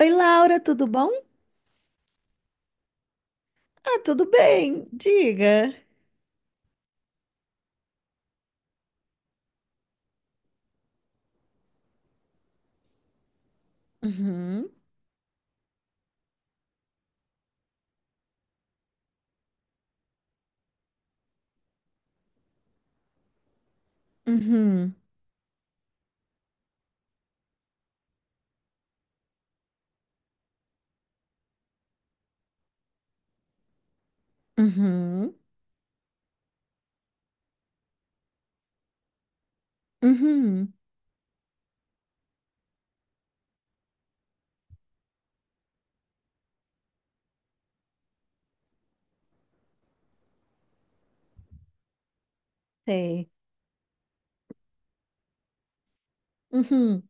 Oi, Laura, tudo bom? Ah, tudo bem, diga. Uhum, uhum, uhum, uhum, sei. Uhum,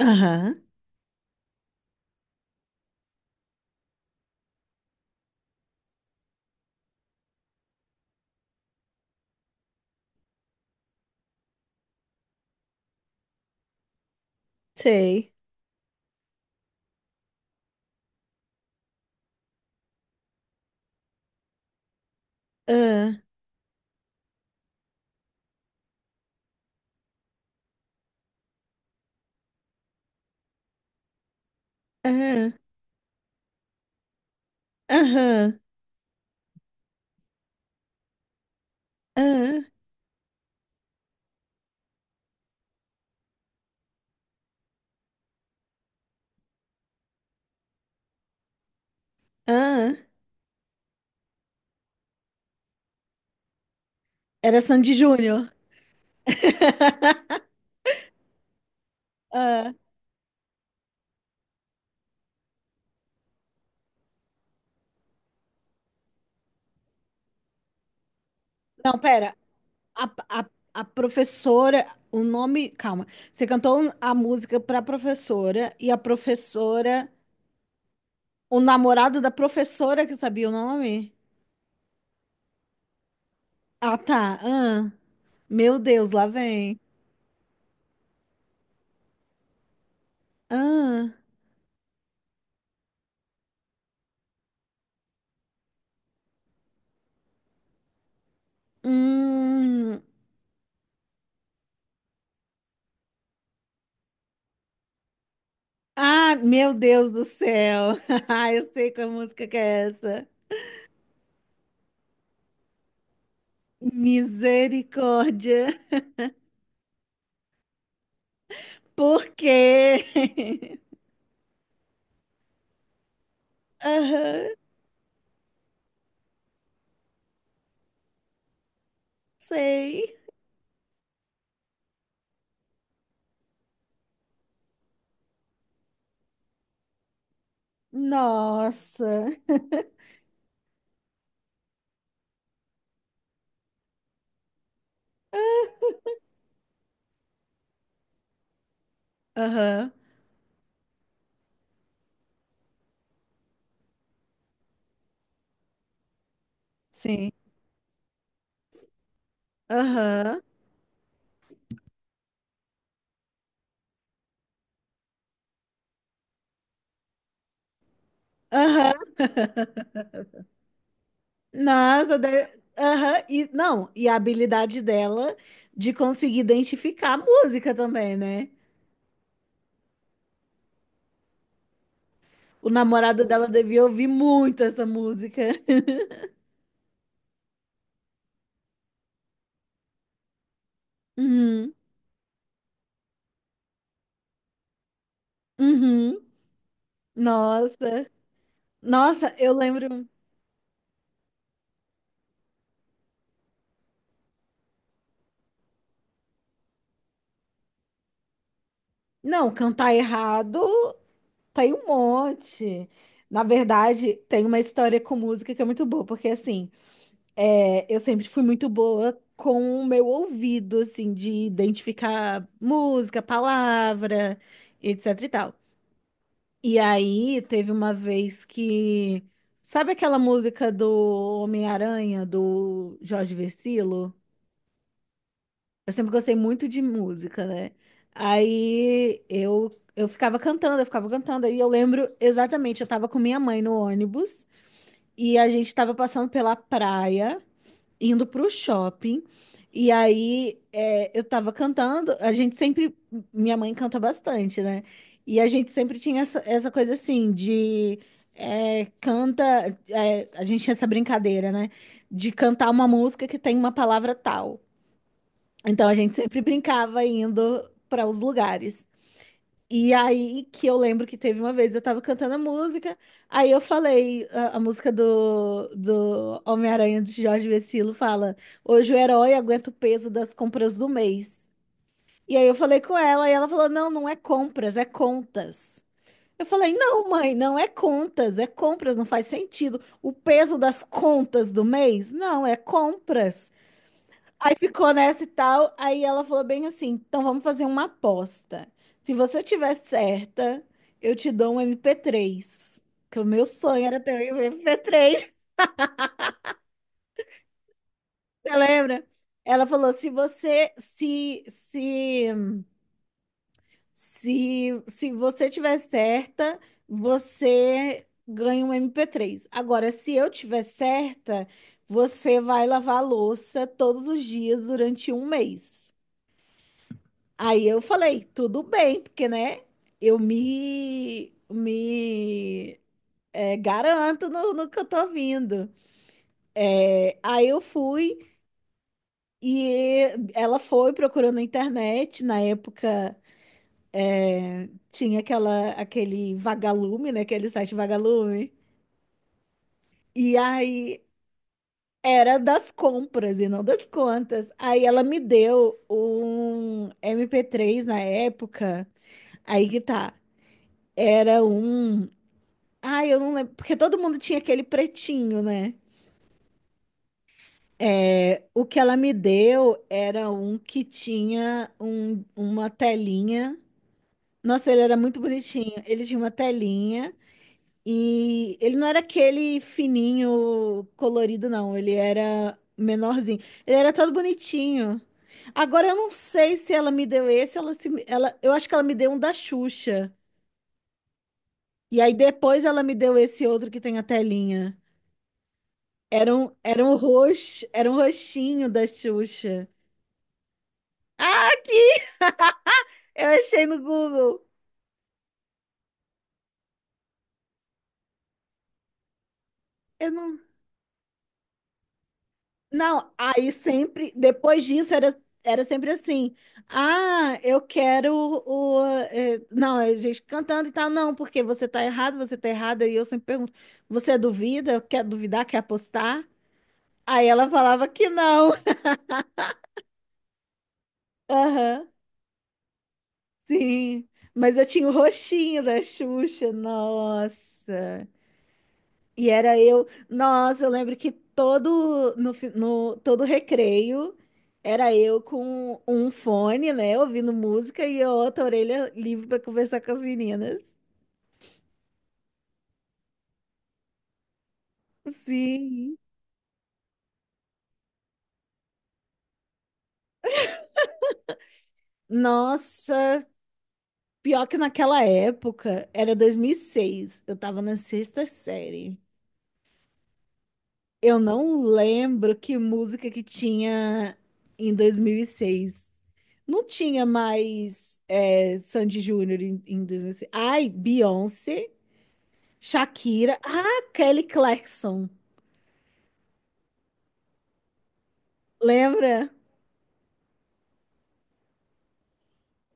aham, sei. Ah, ah, aham, ah, ah. Era Sandy Júnior. Ah, não, pera. A, a, a professora, o nome. Calma. Você cantou a música pra professora e a professora. O namorado da professora que sabia o nome? Ah, tá. Ah, meu Deus, lá vem. Ah, hum. Ah, meu Deus do céu. Ah, eu sei qual música que é essa. Misericórdia. Por quê? Aham, sei. Nossa. Aham, sim. Aham, aham. Nossa, aham, E, não, e a habilidade dela de conseguir identificar a música também, né? O namorado dela devia ouvir muito essa música. Uhum. Uhum. Nossa. Nossa, eu lembro. Não, cantar errado tem um monte. Na verdade, tem uma história com música que é muito boa, porque assim, eu sempre fui muito boa com o meu ouvido, assim, de identificar música, palavra, etc e tal. E aí teve uma vez que. Sabe aquela música do Homem-Aranha, do Jorge Vercillo? Eu sempre gostei muito de música, né? Aí eu ficava cantando. Aí eu lembro exatamente, eu tava com minha mãe no ônibus e a gente tava passando pela praia indo pro shopping. E aí eu tava cantando, a gente sempre, minha mãe canta bastante, né? E a gente sempre tinha essa coisa assim de canta, a gente tinha essa brincadeira, né? De cantar uma música que tem uma palavra tal. Então a gente sempre brincava indo para os lugares. E aí que eu lembro que teve uma vez, eu tava cantando a música, aí eu falei a música do Homem-Aranha de Jorge Vecilo, fala: hoje o herói aguenta o peso das compras do mês. E aí eu falei com ela, e ela falou: não, não é compras, é contas. Eu falei: não, mãe, não é contas, é compras, não faz sentido. O peso das contas do mês? Não, é compras. Aí ficou nessa e tal. Aí ela falou bem assim: então vamos fazer uma aposta. Se você tiver certa, eu te dou um mp três. Que o meu sonho era ter um mp três. Você lembra? Ela falou: se você, se você tiver certa, você ganha um mp três. Agora, se eu tiver certa, você vai lavar a louça todos os dias durante um mês. Aí eu falei, tudo bem, porque, né, eu me garanto no que eu tô vindo. Aí eu fui e ela foi procurando na internet. Na época tinha aquele Vagalume, né, aquele site Vagalume. E aí era das compras e não das contas. Aí ela me deu um mp três na época. Aí que tá, era um. Ai, eu não lembro, porque todo mundo tinha aquele pretinho, né? O que ela me deu era um que tinha uma telinha. Nossa, ele era muito bonitinho. Ele tinha uma telinha e ele não era aquele fininho colorido, não. Ele era menorzinho. Ele era todo bonitinho. Agora eu não sei se ela me deu esse, ela se, ela, eu acho que ela me deu um da Xuxa. E aí depois ela me deu esse outro que tem a telinha. Era um roxo, era um roxinho da Xuxa. Ah, aqui! Eu achei no Google. Eu não. Não, aí sempre, depois disso, era sempre assim. Ah, eu quero não, a gente cantando e tal. Não, porque você tá errado, você tá errada. E eu sempre pergunto: você duvida? Quer duvidar? Quer apostar? Aí ela falava que não. Aham, sim. Mas eu tinha o roxinho da Xuxa. Nossa. E era eu, nossa, eu lembro que todo no, fi- no- todo recreio era eu com um fone, né, ouvindo música e a outra orelha livre para conversar com as meninas. Sim. Nossa, pior que naquela época, era 2006, eu tava na sexta série. Eu não lembro que música que tinha em 2006. Não tinha mais Sandy Júnior em 2006. Ai, Beyoncé. Shakira. Ah, Kelly Clarkson. Lembra?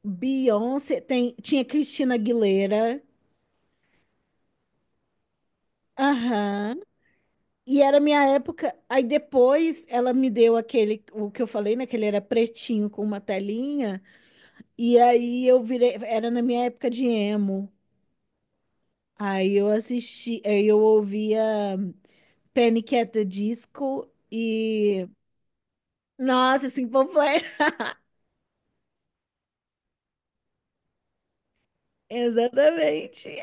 Beyoncé. Tinha Christina Aguilera. Aham. E era minha época. Aí depois ela me deu aquele, o que eu falei, né? Que ele era pretinho com uma telinha. E aí eu virei. Era na minha época de emo. Aí eu ouvia Panic! At the Disco e. Nossa, Simple Plan. Exatamente.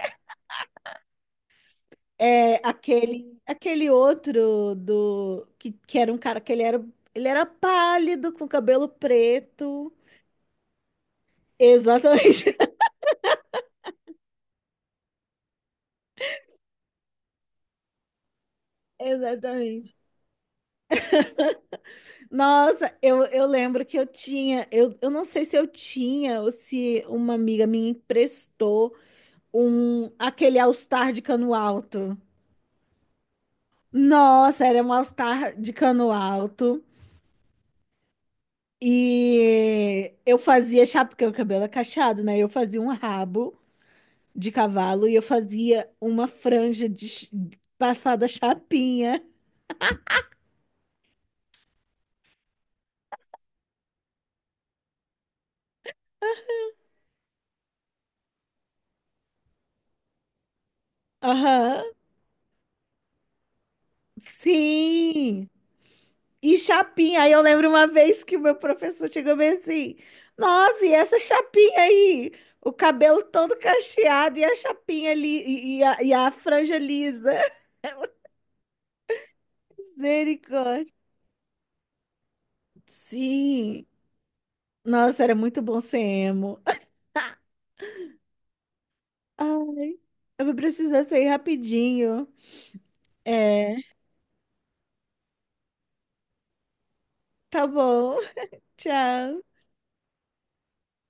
É, aquele outro do que era um cara que ele era pálido, com cabelo preto. Exatamente, exatamente. Nossa, eu lembro que eu tinha, eu não sei se eu tinha ou se uma amiga minha emprestou um aquele All-Star de cano alto. Nossa, era um All-Star de cano alto. E eu fazia chapéu, porque o cabelo é cacheado, né? Eu fazia um rabo de cavalo e eu fazia uma franja de passada chapinha. Aham, sim. E chapinha, aí eu lembro uma vez que o meu professor chegou bem assim, nossa, e essa chapinha aí? O cabelo todo cacheado e a chapinha ali, e a franja lisa. Misericórdia. Sim. Nossa, era muito bom ser emo. Ai, eu vou precisar sair rapidinho. É, tá bom. Tchau.